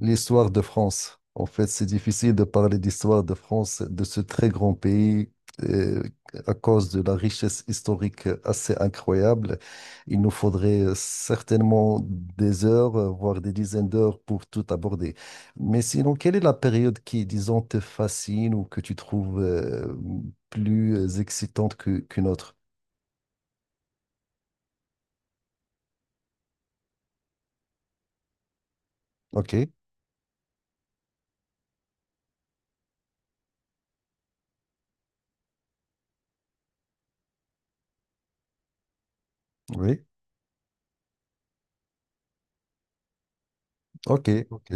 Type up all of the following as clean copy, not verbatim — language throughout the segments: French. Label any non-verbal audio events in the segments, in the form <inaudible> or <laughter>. L'histoire de France. En fait, c'est difficile de parler d'histoire de France, de ce très grand pays, euh, à cause de la richesse historique assez incroyable. Il nous faudrait certainement des heures, voire des dizaines d'heures pour tout aborder. Mais sinon, quelle est la période qui, disons, te fascine ou que tu trouves, plus excitante qu'une autre? OK, oui, OK, OK.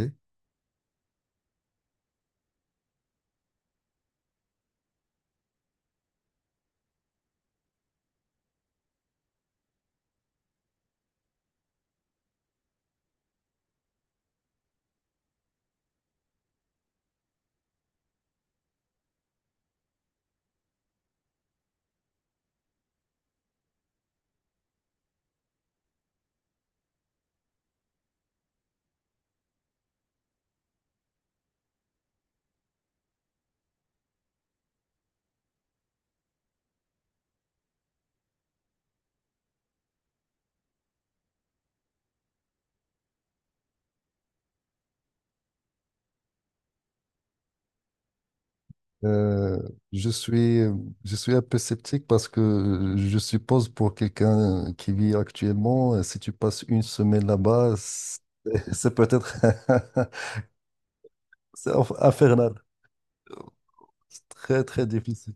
Euh, je suis, je suis un peu sceptique parce que je suppose pour quelqu'un qui vit actuellement, si tu passes une semaine là-bas, c'est <laughs> c'est peut-être <laughs> infernal. C'est très, très difficile.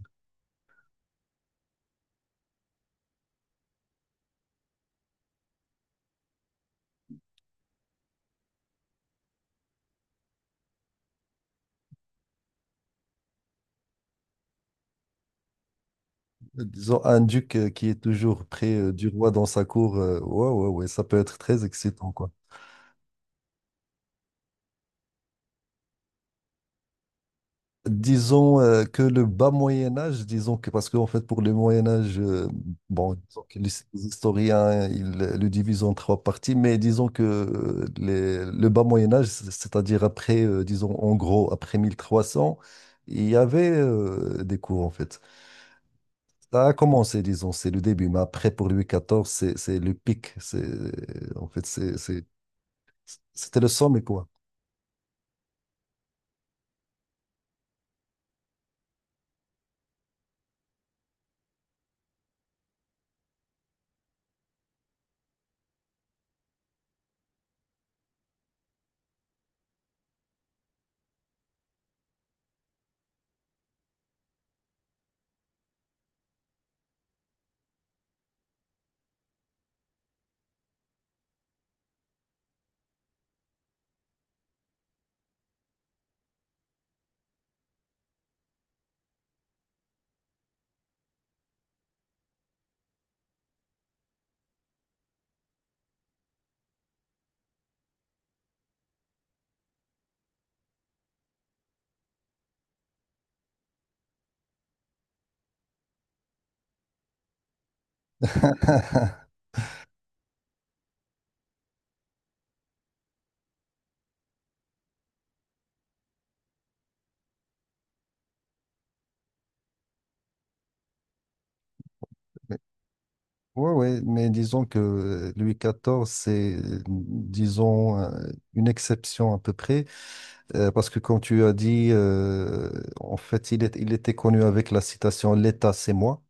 Disons, un duc qui est toujours près du roi dans sa cour, ouais, ouais, ouais, ça peut être très excitant, quoi. Disons que le bas Moyen Âge, disons que parce que en fait pour le Moyen Âge, bon, disons que les historiens ils le divisent en trois parties, mais disons que le bas Moyen Âge, c'est-à-dire après, disons en gros après 1300, il y avait des coups en fait. Ça a commencé, disons, c'est le début, mais après pour Louis XIV, c'est le pic, c'est en fait c'est- c'était le sommet quoi. <laughs> Ouais, ouais, mais disons que Louis XIV, c'est une exception à peu près, parce que comme tu as dit, en fait, il était connu avec la citation «L'État, c'est moi».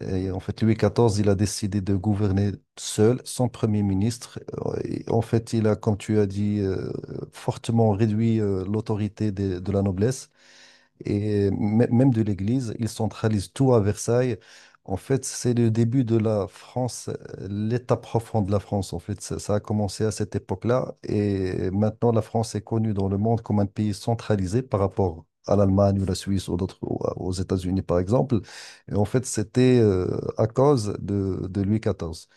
Et en fait, Louis XIV, il a décidé de gouverner seul, sans premier ministre. Et en fait, il a, comme tu as dit, fortement réduit l'autorité de, la noblesse et même de l'Église. Ils centralisent tout à Versailles. En fait, c'est le début de la France, l'état profond de la France. En fait, ça a commencé à cette époque-là. Et maintenant, la France est connue dans le monde comme un pays centralisé par rapport à l'Allemagne ou la Suisse ou d'autres, ou aux États-Unis, par exemple. Et en fait, c'était à cause de Louis XIV.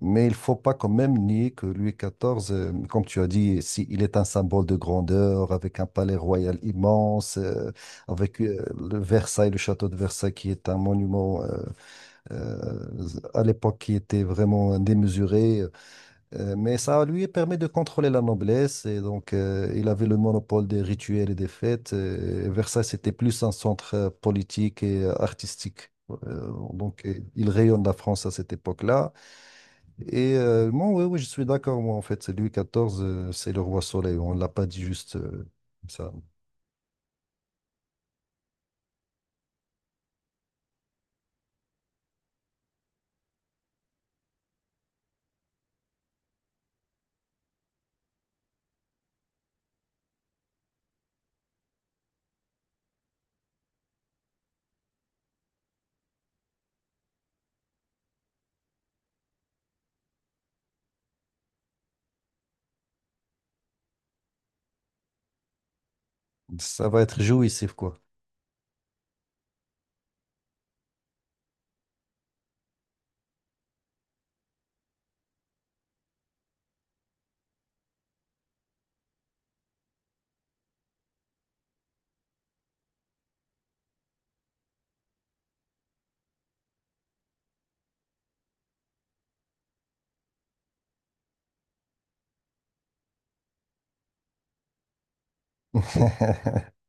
Mais il faut pas quand même nier que Louis XIV, comme tu as dit, si, il est un symbole de grandeur, avec un palais royal immense, avec le Versailles, le château de Versailles, qui est un monument à l'époque qui était vraiment démesuré. Mais ça lui permet de contrôler la noblesse, et donc il avait le monopole des rituels et des fêtes. Et Versailles, c'était plus un centre politique et artistique. Donc, il rayonne la France à cette époque-là. Et moi, oui, oui, je suis d'accord, moi, en fait. C'est Louis XIV, c'est le roi soleil. On ne l'a pas dit juste comme ça. Ça va être jouissif, quoi. <laughs>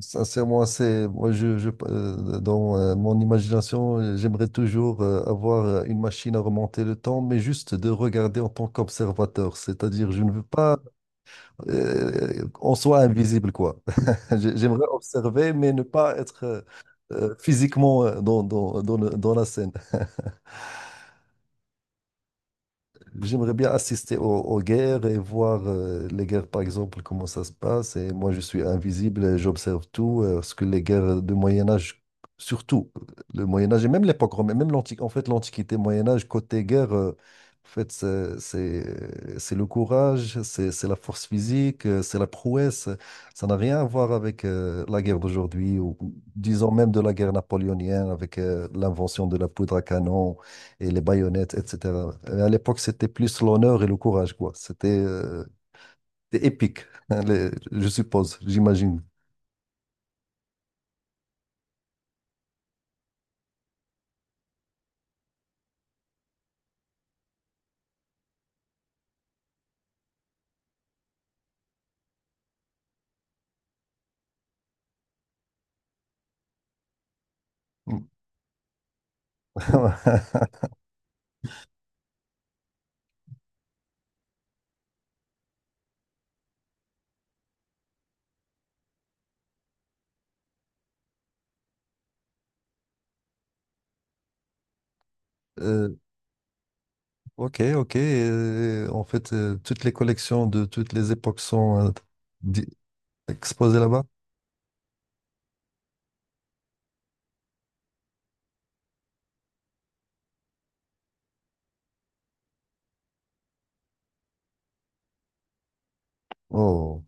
Sincèrement, c'est moi, je- dans mon imagination, j'aimerais toujours avoir une machine à remonter le temps, mais juste de regarder en tant qu'observateur. C'est-à-dire, je ne veux pas qu'on soit invisible, quoi. <laughs> J'aimerais observer, mais ne pas être physiquement dans dans la scène. J'aimerais bien assister aux guerres et voir les guerres, par exemple, comment ça se passe. Et moi, je suis invisible et j'observe tout. Parce que les guerres de Moyen Âge, surtout le Moyen Âge et même l'époque romaine, même l'antique, en fait, l'Antiquité, Moyen Âge, côté guerre, en fait, c'est le courage, c'est la force physique, c'est la prouesse. Ça n'a rien à voir avec la guerre d'aujourd'hui ou disons même de la guerre napoléonienne avec l'invention de la poudre à canon et les baïonnettes, etc. Et à l'époque, c'était plus l'honneur et le courage, quoi. C'était épique, hein, je suppose, j'imagine. <laughs> Euh, ok, ok. En fait, toutes les collections de toutes les époques sont di- exposées là-bas. Oh,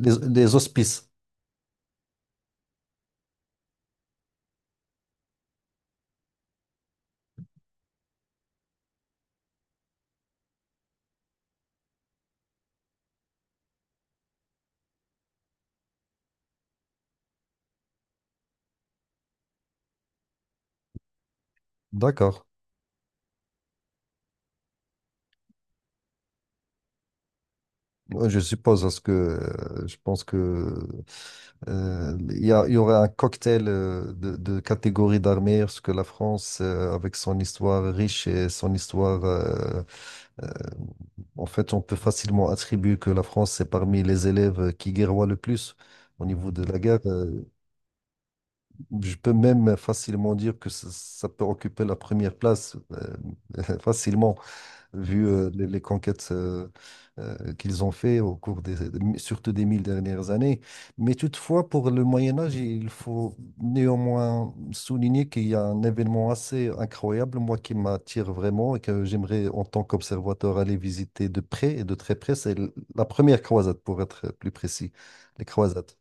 les hospices. D'accord. Ouais, je suppose, parce que je pense que il y aurait un cocktail de catégories d'armées, parce que la France, avec son histoire riche et son histoire, euh, en fait, on peut facilement attribuer que la France est parmi les élèves qui guerroient le plus au niveau de la guerre. Je peux même facilement dire que ça peut occuper la première place, <laughs> facilement vu les conquêtes qu'ils ont fait au cours surtout des 1000 dernières années. Mais toutefois, pour le Moyen Âge, il faut néanmoins souligner qu'il y a un événement assez incroyable, moi, qui m'attire vraiment et que j'aimerais, en tant qu'observateur, aller visiter de près et de très près. La première croisade, pour être plus précis, les croisades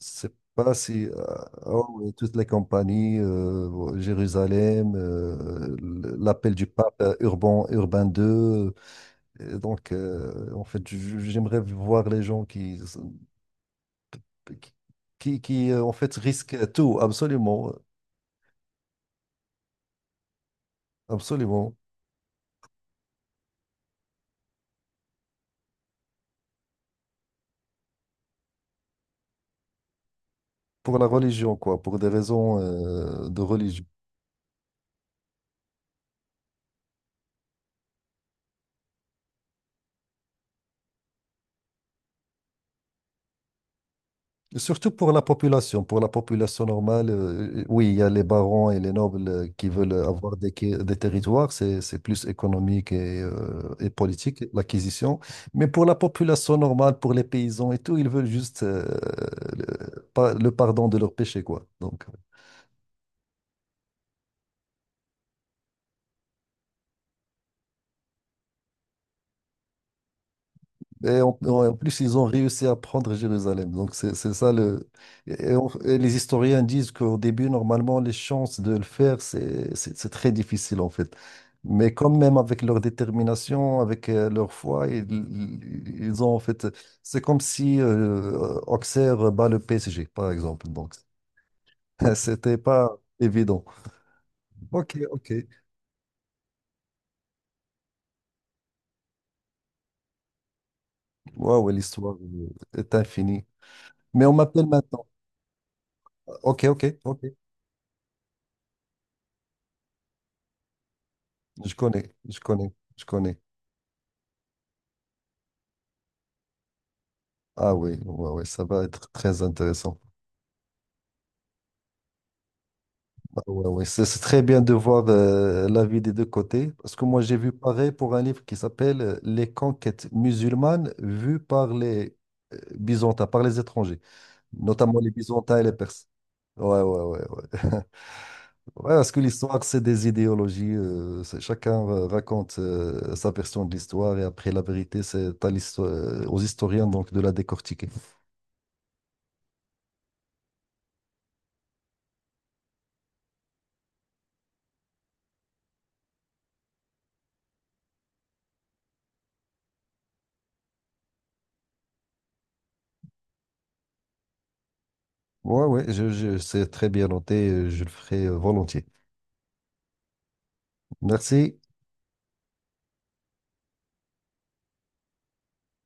sais pas si oh, oui, toutes les compagnies, ouais, Jérusalem, l'appel du pape Urbain II. Et donc, en fait, j'aimerais voir les gens qui, en fait, risquent tout, absolument, absolument, pour la religion, quoi, pour des raisons de religion. Surtout pour la population normale, oui, il y a les barons et les nobles qui veulent avoir des territoires, c'est plus économique et politique, l'acquisition. Mais pour la population normale, pour les paysans et tout, ils veulent juste le, pas- le pardon de leurs péchés, quoi. Donc, et en, en plus, ils ont réussi à prendre Jérusalem. Donc, c'est ça le. Et, et les historiens disent qu'au début, normalement, les chances de le faire, c'est très difficile, en fait. Mais quand même, avec leur détermination, avec leur foi, ils ont, en fait. C'est comme si Auxerre bat le PSG, par exemple. Donc, <laughs> c'était pas évident. Ok, ok. Waouh, l'histoire est infinie. Mais on m'appelle maintenant. Ok, ok, ok. Je connais, je connais, je connais. Ah oui, ouais, ouais, ça va être très intéressant. Ah ouais, ouais, c'est très bien de voir l'avis des deux côtés, parce que moi j'ai vu pareil pour un livre qui s'appelle les conquêtes musulmanes vues par les Byzantins, par les étrangers, notamment les Byzantins et les Perses. Ouais, ouais, ouais, ouais. <laughs> Ouais, parce que l'histoire, c'est des idéologies. Chacun raconte sa version de l'histoire et après la vérité, aux historiens donc de la décortiquer. Ouais, ouais, c'est très bien noté, je le ferai volontiers. Merci.